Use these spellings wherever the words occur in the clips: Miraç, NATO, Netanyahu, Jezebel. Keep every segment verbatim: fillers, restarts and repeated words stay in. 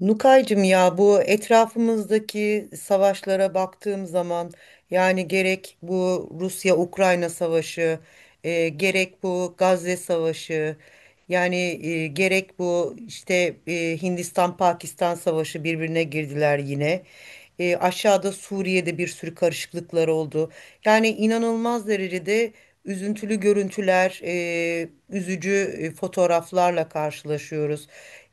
Nukaycığım ya, bu etrafımızdaki savaşlara baktığım zaman, yani gerek bu Rusya-Ukrayna savaşı, e, gerek bu Gazze savaşı, yani e, gerek bu işte, e, Hindistan-Pakistan savaşı birbirine girdiler yine. E, aşağıda Suriye'de bir sürü karışıklıklar oldu. Yani inanılmaz derecede üzüntülü görüntüler, e, üzücü e, fotoğraflarla karşılaşıyoruz.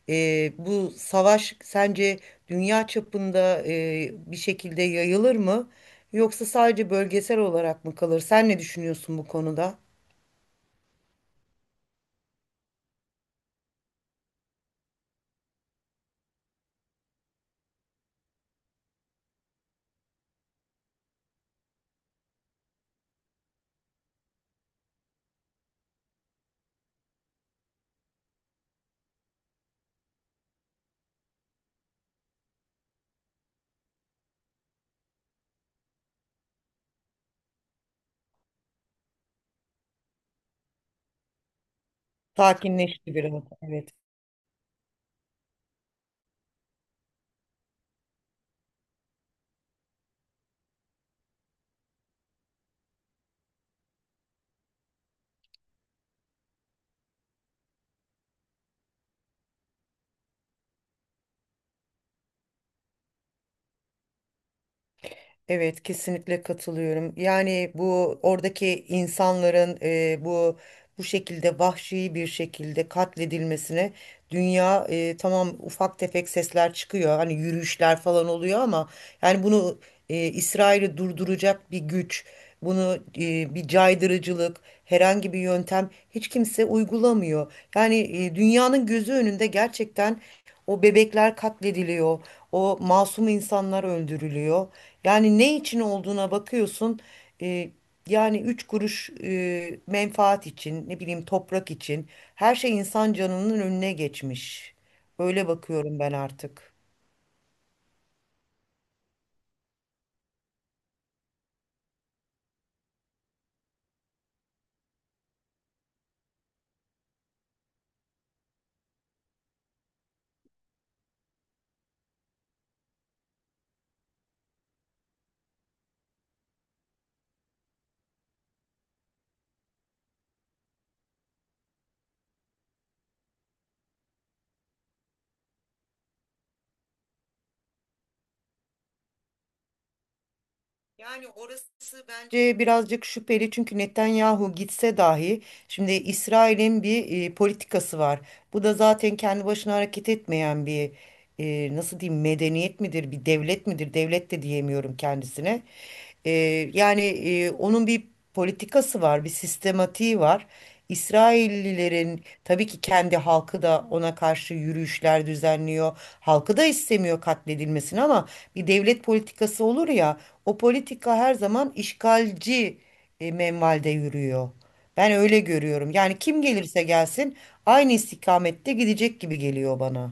E, bu savaş sence dünya çapında e, bir şekilde yayılır mı? Yoksa sadece bölgesel olarak mı kalır? Sen ne düşünüyorsun bu konuda? Sakinleşti biraz. Evet. Evet, kesinlikle katılıyorum. Yani bu oradaki insanların e, bu bu şekilde vahşi bir şekilde katledilmesine dünya, e, tamam, ufak tefek sesler çıkıyor. Hani yürüyüşler falan oluyor ama yani bunu, e, İsrail'i durduracak bir güç, bunu e, bir caydırıcılık, herhangi bir yöntem hiç kimse uygulamıyor. Yani e, dünyanın gözü önünde gerçekten o bebekler katlediliyor. O masum insanlar öldürülüyor. Yani ne için olduğuna bakıyorsun. e, Yani üç kuruş e, menfaat için, ne bileyim toprak için, her şey insan canının önüne geçmiş. Böyle bakıyorum ben artık. Yani orası bence birazcık şüpheli, çünkü Netanyahu gitse dahi şimdi İsrail'in bir e, politikası var. Bu da zaten kendi başına hareket etmeyen bir, e, nasıl diyeyim, medeniyet midir, bir devlet midir, devlet de diyemiyorum kendisine. E, Yani e, onun bir politikası var, bir sistematiği var. İsraillilerin tabii ki kendi halkı da ona karşı yürüyüşler düzenliyor. Halkı da istemiyor katledilmesini, ama bir devlet politikası olur ya, o politika her zaman işgalci e, menvalde yürüyor. Ben öyle görüyorum. Yani kim gelirse gelsin aynı istikamette gidecek gibi geliyor bana.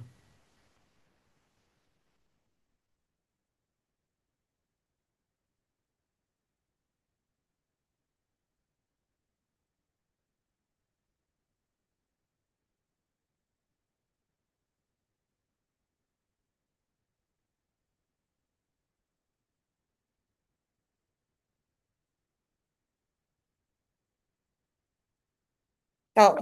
Ya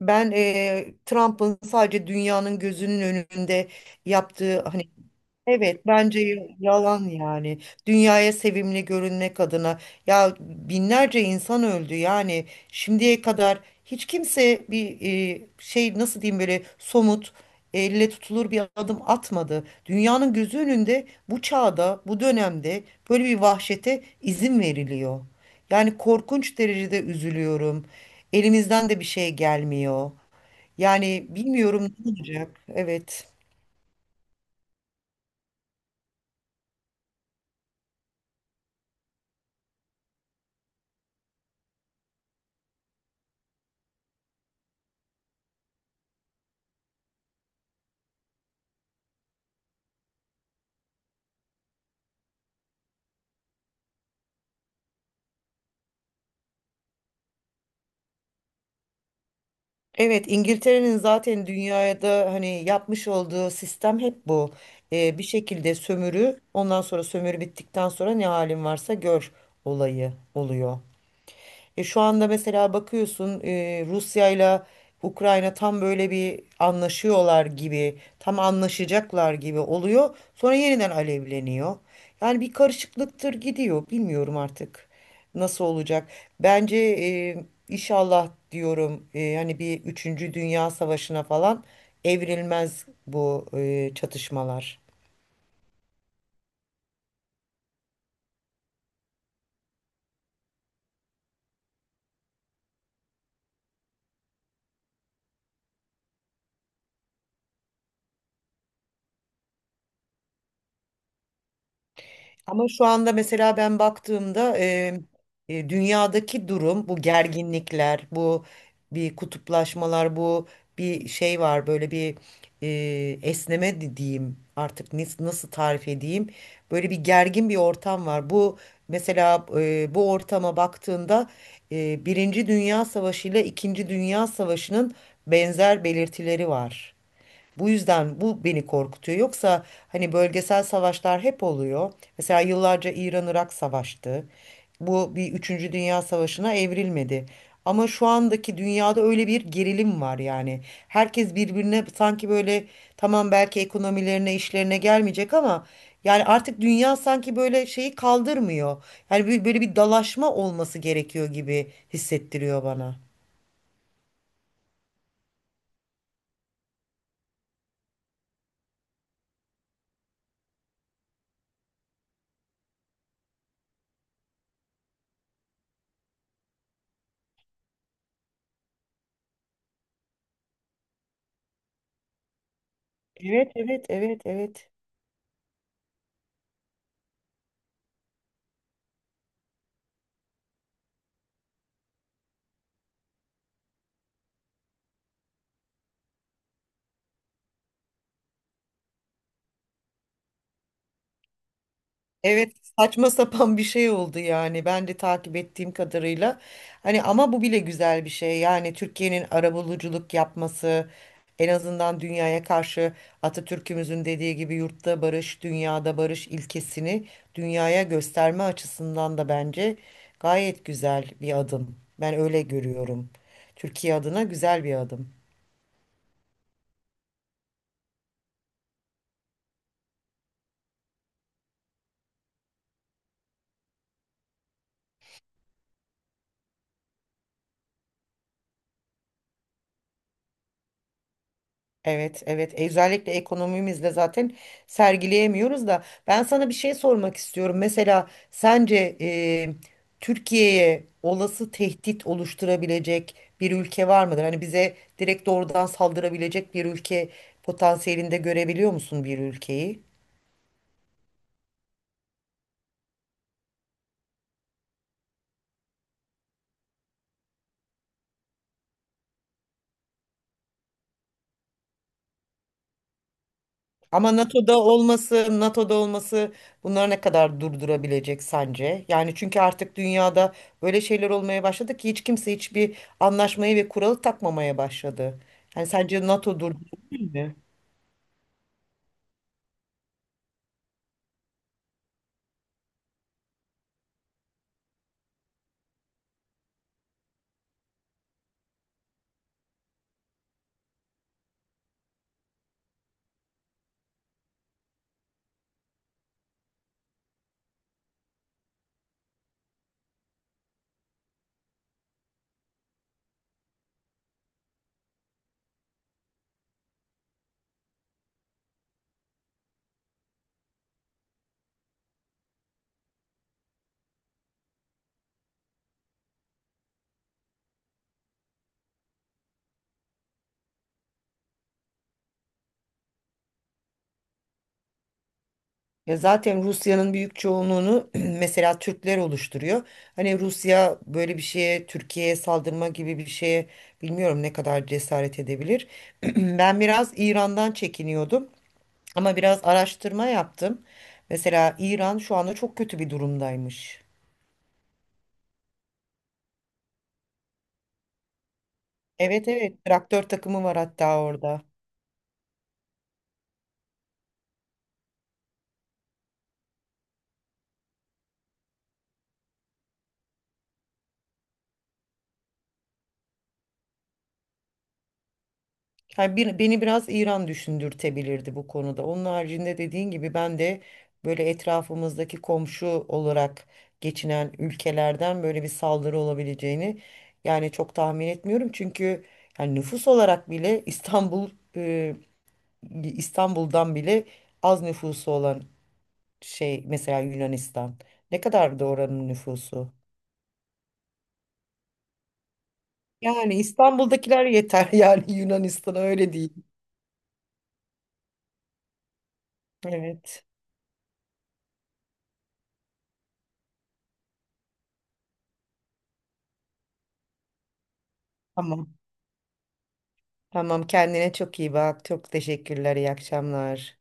ben, e, Trump'ın sadece dünyanın gözünün önünde yaptığı hani… Evet, bence y- yalan yani. Dünyaya sevimli görünmek adına, ya binlerce insan öldü yani, şimdiye kadar hiç kimse bir, e, şey, nasıl diyeyim, böyle somut, elle tutulur bir adım atmadı. Dünyanın gözü önünde, bu çağda, bu dönemde böyle bir vahşete izin veriliyor. Yani korkunç derecede üzülüyorum. Elimizden de bir şey gelmiyor. Yani bilmiyorum ne olacak. Evet. Evet, İngiltere'nin zaten dünyada hani yapmış olduğu sistem hep bu. Ee, bir şekilde sömürü, ondan sonra sömürü bittikten sonra "ne halin varsa gör" olayı oluyor. E, şu anda mesela bakıyorsun, e, Rusya ile Ukrayna tam böyle bir anlaşıyorlar gibi, tam anlaşacaklar gibi oluyor. Sonra yeniden alevleniyor. Yani bir karışıklıktır gidiyor. Bilmiyorum artık nasıl olacak. Bence e, inşallah diyorum, e, hani bir üçüncü Dünya Savaşı'na falan evrilmez bu, e, çatışmalar. Ama şu anda mesela ben baktığımda, e, e, dünyadaki durum, bu gerginlikler, bu bir kutuplaşmalar, bu bir şey var, böyle bir e, esneme de diyeyim artık, nis- nasıl tarif edeyim, böyle bir gergin bir ortam var. Bu mesela, e, bu ortama baktığında e, Birinci Dünya Savaşı ile İkinci Dünya Savaşı'nın benzer belirtileri var. Bu yüzden bu beni korkutuyor. Yoksa hani bölgesel savaşlar hep oluyor. Mesela yıllarca İran-Irak savaştı. Bu bir üçüncü Dünya Savaşı'na evrilmedi. Ama şu andaki dünyada öyle bir gerilim var yani. Herkes birbirine sanki böyle, tamam, belki ekonomilerine, işlerine gelmeyecek ama yani artık dünya sanki böyle şeyi kaldırmıyor. Yani bir- böyle bir dalaşma olması gerekiyor gibi hissettiriyor bana. Evet, evet, evet, evet. Evet, saçma sapan bir şey oldu yani, ben de takip ettiğim kadarıyla. Hani ama bu bile güzel bir şey. Yani Türkiye'nin arabuluculuk yapması, en azından dünyaya karşı Atatürk'ümüzün dediği gibi "yurtta barış, dünyada barış" ilkesini dünyaya gösterme açısından da bence gayet güzel bir adım. Ben öyle görüyorum. Türkiye adına güzel bir adım. Evet, evet. E, Özellikle ekonomimizle zaten sergileyemiyoruz da, ben sana bir şey sormak istiyorum. Mesela sence e, Türkiye'ye olası tehdit oluşturabilecek bir ülke var mıdır? Hani bize direkt doğrudan saldırabilecek bir ülke potansiyelinde görebiliyor musun bir ülkeyi? Ama NATO'da olması, NATO'da olması bunları ne kadar durdurabilecek sence? Yani çünkü artık dünyada böyle şeyler olmaya başladı ki hiç kimse hiçbir anlaşmayı ve kuralı takmamaya başladı. Yani sence NATO durdurabilir mi? Ya zaten Rusya'nın büyük çoğunluğunu mesela Türkler oluşturuyor. Hani Rusya böyle bir şeye, Türkiye'ye saldırma gibi bir şeye bilmiyorum ne kadar cesaret edebilir. Ben biraz İran'dan çekiniyordum. Ama biraz araştırma yaptım. Mesela İran şu anda çok kötü bir durumdaymış. Evet, evet, traktör takımı var hatta orada. Yani bir, beni biraz İran düşündürtebilirdi bu konuda. Onun haricinde dediğin gibi ben de böyle etrafımızdaki komşu olarak geçinen ülkelerden böyle bir saldırı olabileceğini, yani, çok tahmin etmiyorum. Çünkü yani nüfus olarak bile İstanbul, e, İstanbul'dan bile az nüfusu olan şey mesela, Yunanistan. Ne kadardı oranın nüfusu? Yani İstanbul'dakiler yeter yani Yunanistan'a, öyle değil. Evet. Tamam. Tamam, kendine çok iyi bak. Çok teşekkürler. İyi akşamlar.